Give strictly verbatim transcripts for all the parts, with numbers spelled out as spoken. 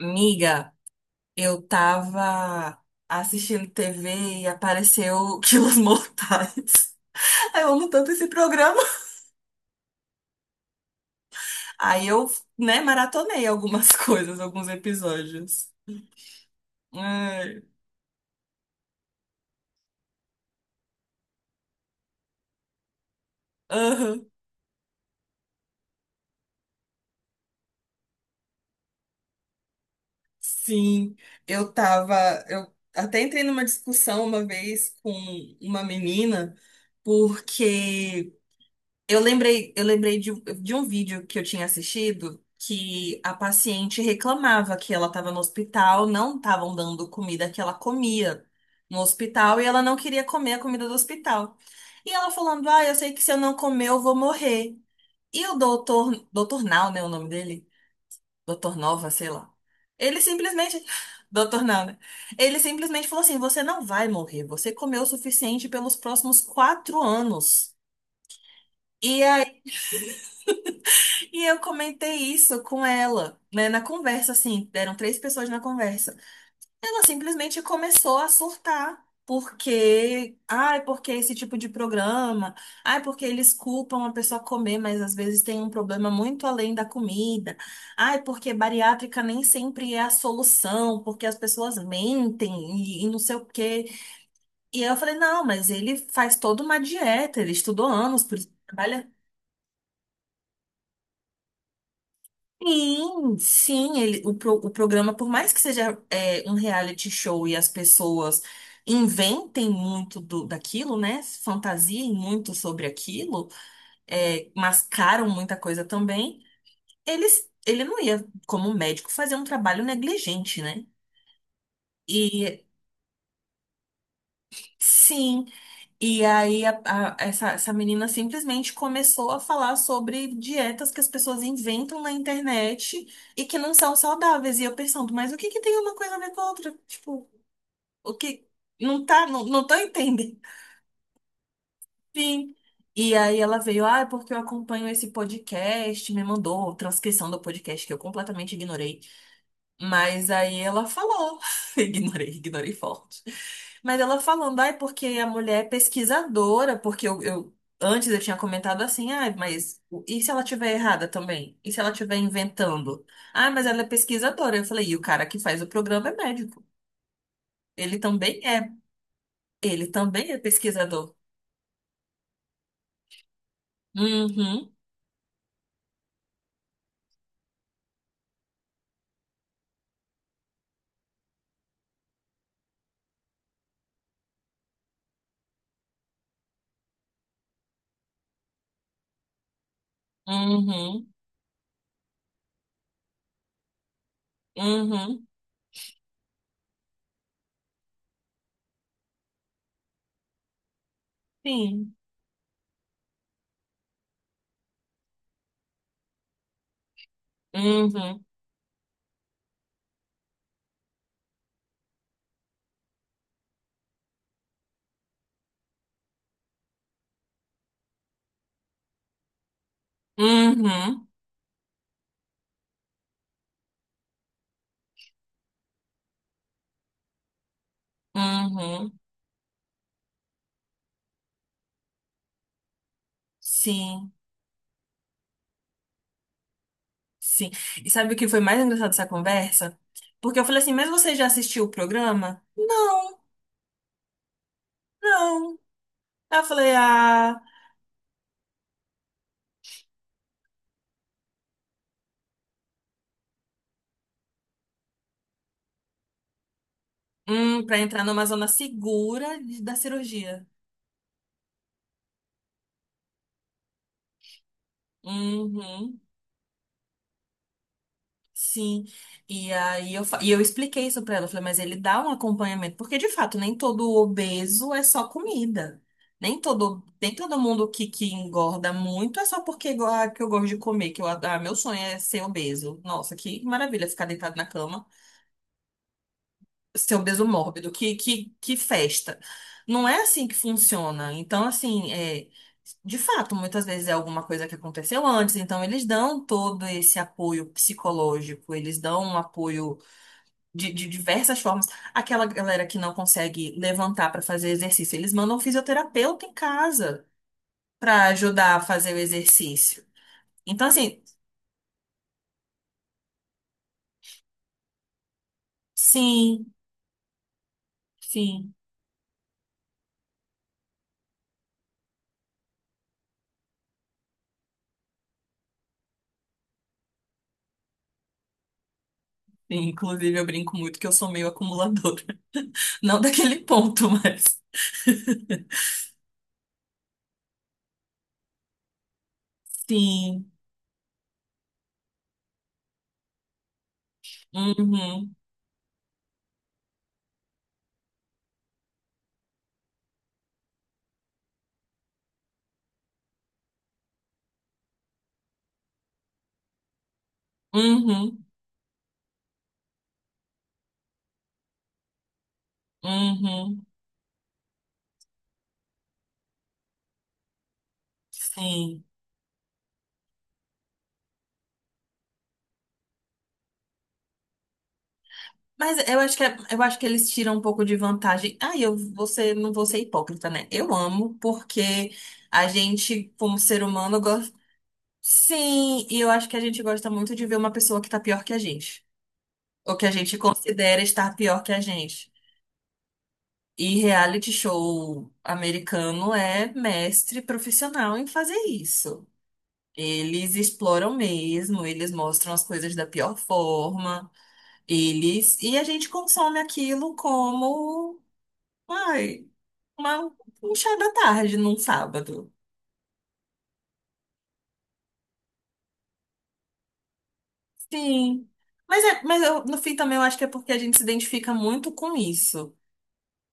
Miga, eu tava assistindo T V e apareceu Quilos Mortais. Eu amo tanto esse programa. Aí eu, né, maratonei algumas coisas, alguns episódios. Ai, aham, sim. Eu tava. Eu até entrei numa discussão uma vez com uma menina, porque Eu lembrei, eu lembrei de, de um vídeo que eu tinha assistido, que a paciente reclamava que ela estava no hospital, não estavam dando comida que ela comia no hospital e ela não queria comer a comida do hospital. E ela falando: Ah, eu sei que, se eu não comer, eu vou morrer. E o doutor, doutor Nau, né, o nome dele? Doutor Nova, sei lá. Ele simplesmente, doutor Nau, né? Ele simplesmente falou assim: Você não vai morrer, você comeu o suficiente pelos próximos quatro anos. E e eu comentei isso com ela, né, na conversa, assim, eram três pessoas na conversa. Ela simplesmente começou a surtar, porque, ai, porque esse tipo de programa, ai, porque eles culpam a pessoa comer, mas às vezes tem um problema muito além da comida. Ai, porque bariátrica nem sempre é a solução, porque as pessoas mentem e, e não sei o quê. E eu falei, não, mas ele faz toda uma dieta, ele estudou anos, por isso trabalha. Sim, sim, ele, o, pro- o programa, por mais que seja é, um reality show e as pessoas inventem muito do, daquilo, né? Fantasiem muito sobre aquilo, é, mascaram muita coisa também, eles, ele não ia, como médico, fazer um trabalho negligente, né? E sim, e aí, a- a- essa, essa menina simplesmente começou a falar sobre dietas que as pessoas inventam na internet e que não são saudáveis. E eu pensando, mas o que que tem uma coisa a ver com a outra? Tipo, o que. Não tá, não, não tô entendendo. Sim. E aí ela veio, ah, é porque eu acompanho esse podcast, me mandou a transcrição do podcast que eu completamente ignorei. Mas aí ela falou, ignorei, ignorei forte. Mas ela falando, ai, porque a mulher é pesquisadora, porque eu, eu- antes eu tinha comentado assim, ai, mas o- e se ela tiver errada também? E se ela estiver inventando? Ah, mas ela é pesquisadora. Eu falei, e o cara que faz o programa é médico. Ele também é, ele também é pesquisador. Uhum, uhum, uhum, sim. Uhum, uhum, uhum, sim. Sim. E sabe o que foi mais engraçado dessa conversa? Porque eu falei assim, mas você já assistiu o programa? Não, não. Aí eu falei, ah, hum, pra entrar numa zona segura de- da cirurgia. Uhum, sim. E aí eu, fa- e eu expliquei isso pra ela. Eu falei, mas ele dá um acompanhamento. Porque, de fato, nem todo obeso é só comida. Nem todo, nem todo mundo que, que engorda muito é só porque go- ah, que eu gosto de comer, que eu, ad- ah, meu sonho é ser obeso. Nossa, que maravilha ficar deitado na cama. Ser obeso mórbido, que, que, que festa. Não é assim que funciona. Então, assim, é, de fato, muitas vezes é alguma coisa que aconteceu antes, então eles dão todo esse apoio psicológico, eles dão um apoio de, de diversas formas. Aquela galera que não consegue levantar para fazer exercício, eles mandam um fisioterapeuta em casa para ajudar a fazer o exercício. Então, assim, sim, sim. Inclusive, eu brinco muito que eu sou meio acumuladora. Não daquele ponto, mas. Sim. Uhum. Uhum. Uhum. Sim. Mas eu acho que, é- eu acho que eles tiram um pouco de vantagem. Ah, eu vou ser, não vou ser hipócrita, né? Eu amo, porque a gente, como ser humano, gosta. Sim, e eu acho que a gente gosta muito de ver uma pessoa que tá pior que a gente. Ou que a gente considera estar pior que a gente. E reality show americano é mestre profissional em fazer isso. Eles exploram mesmo, eles mostram as coisas da pior forma, eles e a gente consome aquilo como, ai, uma, um chá da tarde num sábado. Sim. Mas, é, mas eu, no fim também eu acho que é porque a gente se identifica muito com isso.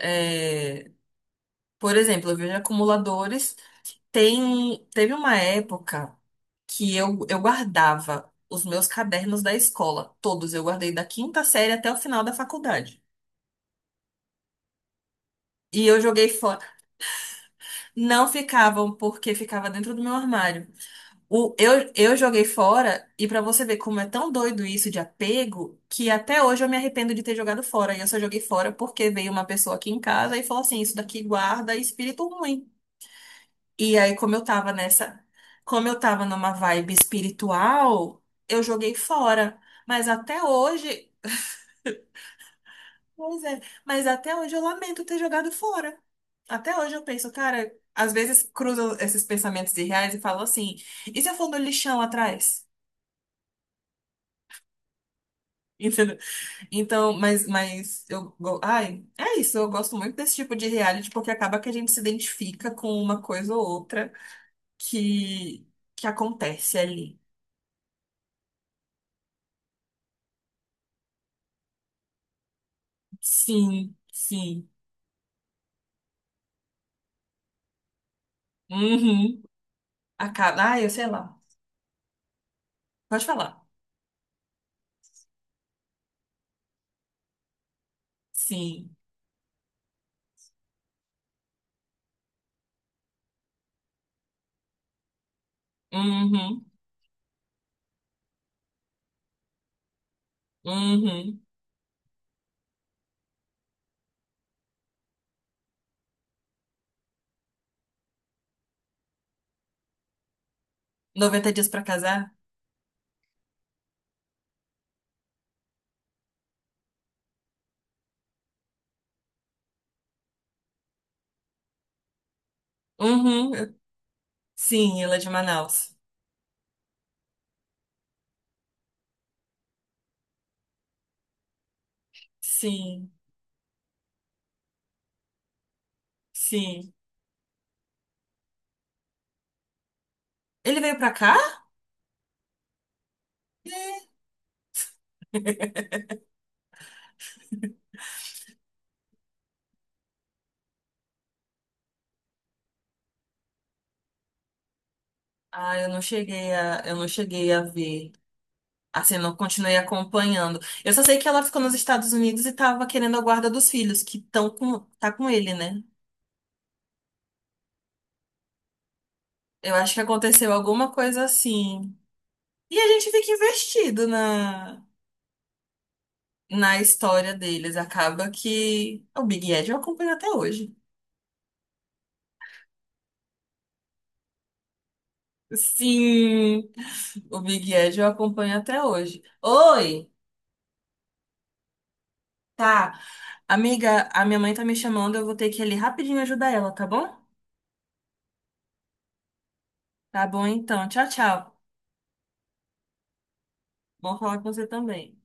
É, por exemplo, eu vejo acumuladores. Tem, teve uma época que eu, eu guardava os meus cadernos da escola, todos. Eu guardei da quinta série até o final da faculdade. E eu joguei fora. Não ficavam porque ficava dentro do meu armário. O, eu, eu joguei fora, e pra você ver como é tão doido isso de apego, que até hoje eu me arrependo de ter jogado fora. E eu só joguei fora porque veio uma pessoa aqui em casa e falou assim: Isso daqui guarda espírito ruim. E aí, como eu tava nessa, como eu tava numa vibe espiritual, eu joguei fora. Mas até hoje, pois é, mas até hoje eu lamento ter jogado fora. Até hoje eu penso, cara, às vezes cruzo esses pensamentos irreais e falo assim, e se eu for no lixão atrás? Entendeu? Então, mas, mas eu, go- ai, é isso, eu gosto muito desse tipo de reality porque acaba que a gente se identifica com uma coisa ou outra que, que acontece ali. Sim, sim. Uhum. A. Ah, eu sei lá. Pode falar. Sim. Uhum. Uhum. Noventa dias pra casar? Uhum. Eu- sim, ele é de Manaus. Sim. Sim. Ele veio pra cá? É. Ah, eu não cheguei a, eu não cheguei a ver. Assim, não continuei acompanhando. Eu só sei que ela ficou nos Estados Unidos e tava querendo a guarda dos filhos, que estão com, tá com ele, né? Eu acho que aconteceu alguma coisa assim. E a gente fica investido na, na história deles. Acaba que o Big Ed eu acompanho até hoje. Sim, o Big Ed eu acompanho até hoje. Oi, tá. Amiga, a minha mãe tá me chamando, eu vou ter que ir ali rapidinho ajudar ela, tá bom? Tá bom então. Tchau, tchau. Bom falar com você também.